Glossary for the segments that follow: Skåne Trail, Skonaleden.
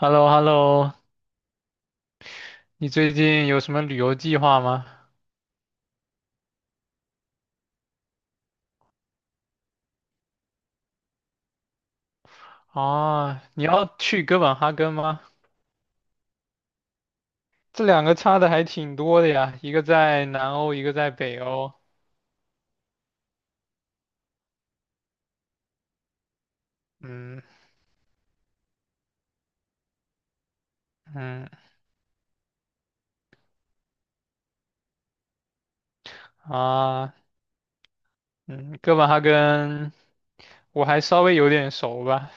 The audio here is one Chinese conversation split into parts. h e l l o hello。 你最近有什么旅游计划吗？啊，你要去哥本哈根吗？这两个差的还挺多的呀，一个在南欧，一个在北欧。嗯嗯啊嗯，哥本哈根我还稍微有点熟吧。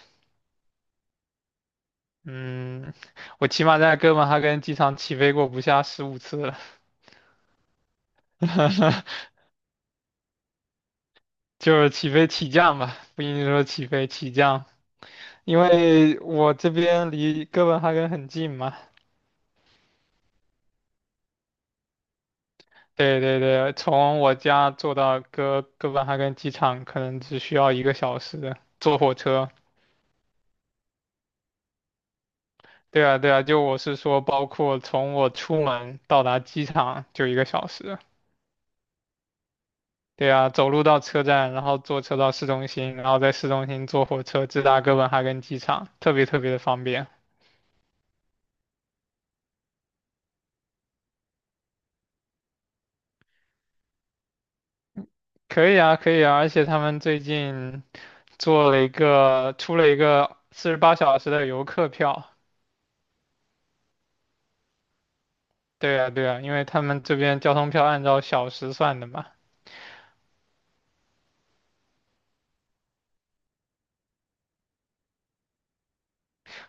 嗯，我起码在哥本哈根机场起飞过不下15次了，就是起飞起降吧，不一定说起飞起降，因为我这边离哥本哈根很近嘛。对对对，从我家坐到哥本哈根机场可能只需要一个小时，坐火车。对啊对啊，就我是说，包括从我出门到达机场就一个小时。对啊，走路到车站，然后坐车到市中心，然后在市中心坐火车直达哥本哈根机场，特别特别的方便。可以啊，可以啊，而且他们最近做了一个，出了一个48小时的游客票。对啊，对啊，因为他们这边交通票按照小时算的嘛。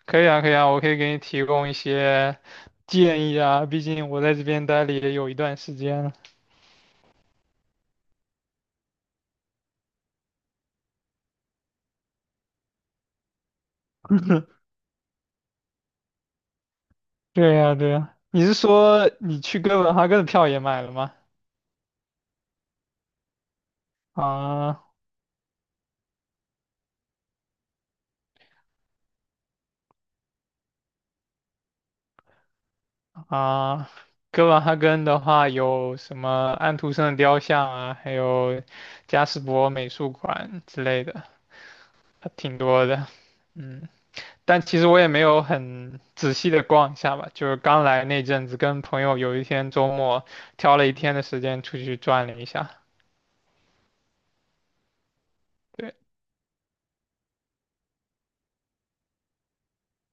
可以啊，可以啊，我可以给你提供一些建议啊，毕竟我在这边待了也有一段时间了。对呀，对呀，你是说你去哥本哈根的票也买了吗？啊啊，哥本哈根的话有什么安徒生的雕像啊，还有加斯伯美术馆之类的，还挺多的。嗯，但其实我也没有很仔细的逛一下吧，就是刚来那阵子，跟朋友有一天周末挑了一天的时间出去转了一下。对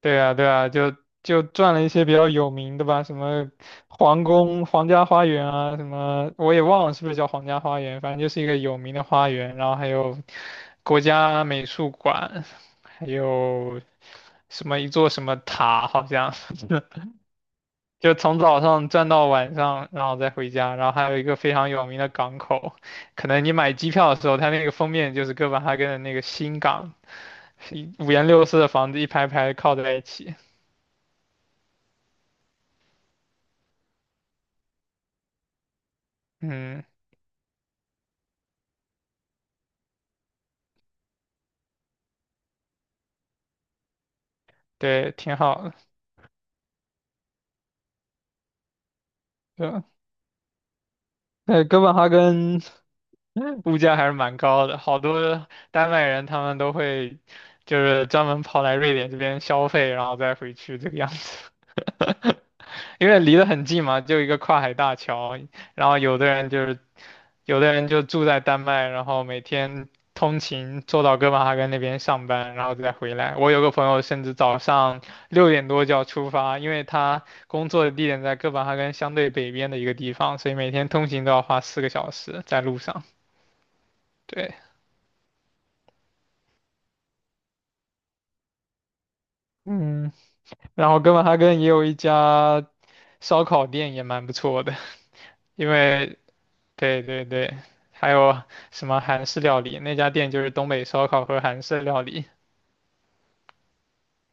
对啊，对啊，就转了一些比较有名的吧，什么皇宫、皇家花园啊，什么我也忘了是不是叫皇家花园，反正就是一个有名的花园，然后还有国家美术馆，还有什么一座什么塔，好像 就从早上转到晚上，然后再回家，然后还有一个非常有名的港口，可能你买机票的时候，它那个封面就是哥本哈根的那个新港，是一五颜六色的房子一排排靠在一起。嗯，对，挺好的。对，那哥本哈根 物价还是蛮高的，好多丹麦人他们都会就是专门跑来瑞典这边消费，然后再回去这个样 因为离得很近嘛，就一个跨海大桥，然后有的人就是，有的人就住在丹麦，然后每天通勤坐到哥本哈根那边上班，然后再回来。我有个朋友甚至早上6点多就要出发，因为他工作的地点在哥本哈根相对北边的一个地方，所以每天通勤都要花4个小时在路上。对，嗯，然后哥本哈根也有一家烧烤店，也蛮不错的，因为对对对，还有什么韩式料理？那家店就是东北烧烤和韩式料理。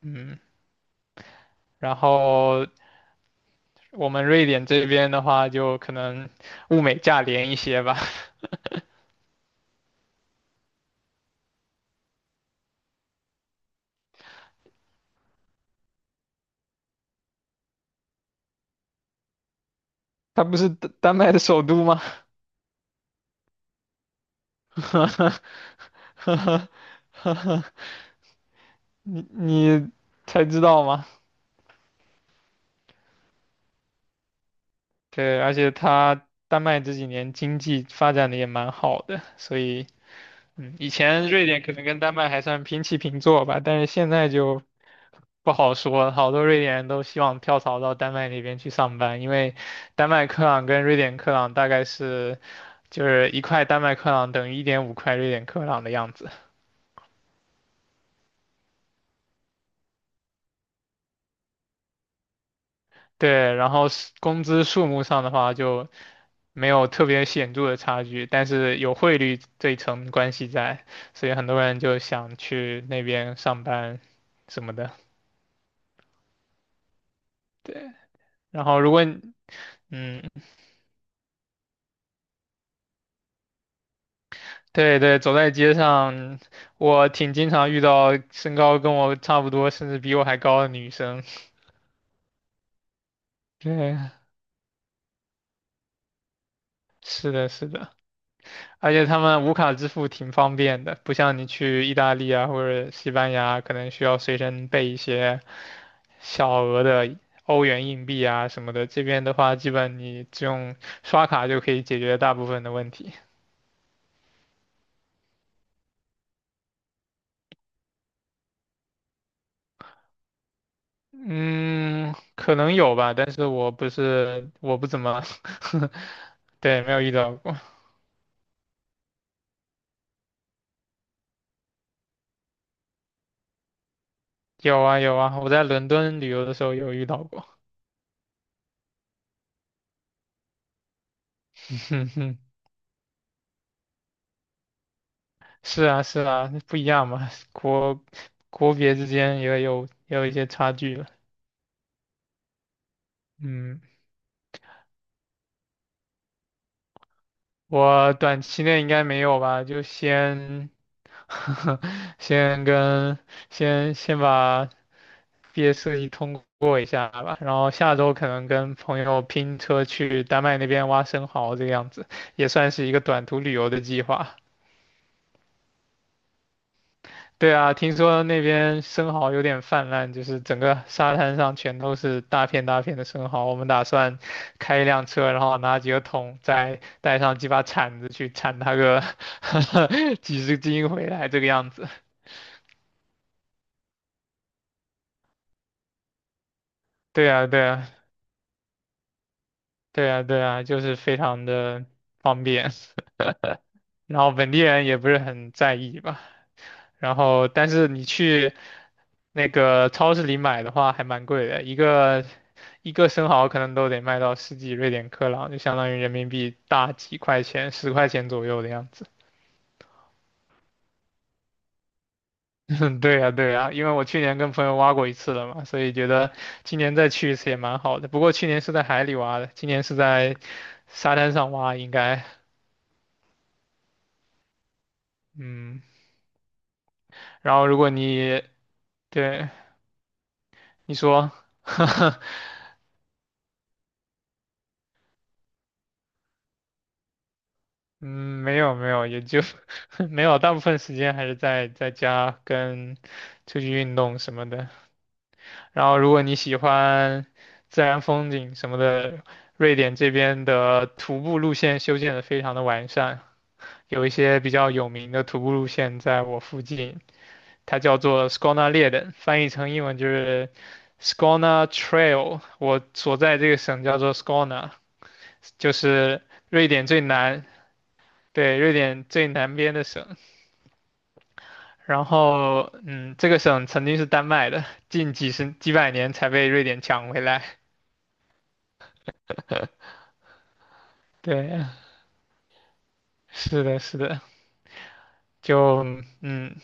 嗯，然后我们瑞典这边的话，就可能物美价廉一些吧。它不是丹麦的首都吗？你才知道吗？对，而且它丹麦这几年经济发展的也蛮好的，所以嗯，以前瑞典可能跟丹麦还算平起平坐吧，但是现在就不好说，好多瑞典人都希望跳槽到丹麦那边去上班，因为丹麦克朗跟瑞典克朗大概是就是一块丹麦克朗等于1.5块瑞典克朗的样子。对，然后是工资数目上的话就没有特别显著的差距，但是有汇率这一层关系在，所以很多人就想去那边上班什么的。对，然后如果你嗯，对对，走在街上，我挺经常遇到身高跟我差不多，甚至比我还高的女生。对，是的，是的，而且他们无卡支付挺方便的，不像你去意大利啊或者西班牙，可能需要随身备一些小额的欧元硬币啊什么的。这边的话，基本你只用刷卡就可以解决大部分的问题。嗯，可能有吧，但是我不是，我不怎么 对，没有遇到过。有啊有啊，我在伦敦旅游的时候有遇到过。哼哼，是啊是啊，不一样嘛，国别之间也有一些差距了。嗯，我短期内应该没有吧，就先 先跟先先把毕业设计通过一下吧，然后下周可能跟朋友拼车去丹麦那边挖生蚝，这个样子也算是一个短途旅游的计划。对啊，听说那边生蚝有点泛滥，就是整个沙滩上全都是大片大片的生蚝。我们打算开一辆车，然后拿几个桶，再带上几把铲子去铲它个 几十斤回来，这个样子。对啊，对啊，对啊，对啊，就是非常的方便。然后本地人也不是很在意吧，然后但是你去那个超市里买的话，还蛮贵的，一个生蚝可能都得卖到十几瑞典克朗，就相当于人民币大几块钱，10块钱左右的样子。对呀，对呀，因为我去年跟朋友挖过一次了嘛，所以觉得今年再去一次也蛮好的。不过去年是在海里挖的，今年是在沙滩上挖，应该，嗯。然后如果你对你说，嗯，没有没有，也就 没有，大部分时间还是在家跟出去运动什么的。然后，如果你喜欢自然风景什么的，瑞典这边的徒步路线修建的非常的完善，有一些比较有名的徒步路线在我附近，它叫做 Skonaleden，翻译成英文就是 Skåne Trail。我所在这个省叫做 Skåne，就是瑞典最南，对，瑞典最南边的省。然后，嗯，这个省曾经是丹麦的，近几十几百年才被瑞典抢回来。对，是的，是的，就嗯，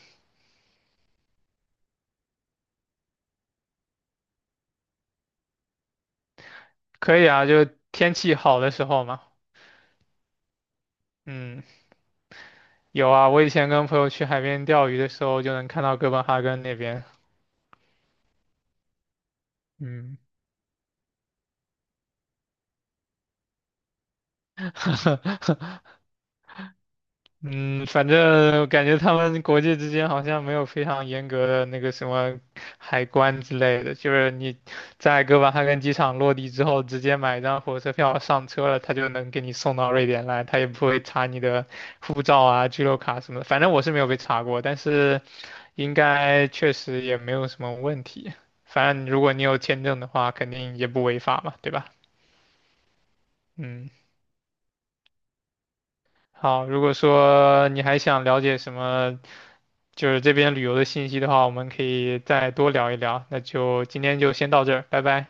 可以啊，就天气好的时候嘛。嗯，有啊，我以前跟朋友去海边钓鱼的时候，就能看到哥本哈根那边。嗯，嗯，反正感觉他们国际之间好像没有非常严格的那个什么海关之类的，就是你在哥本哈根机场落地之后，直接买一张火车票上车了，他就能给你送到瑞典来，他也不会查你的护照啊、居留卡什么的。反正我是没有被查过，但是应该确实也没有什么问题。反正如果你有签证的话，肯定也不违法嘛，对吧？嗯。好，如果说你还想了解什么，就是这边旅游的信息的话，我们可以再多聊一聊。那就今天就先到这儿，拜拜。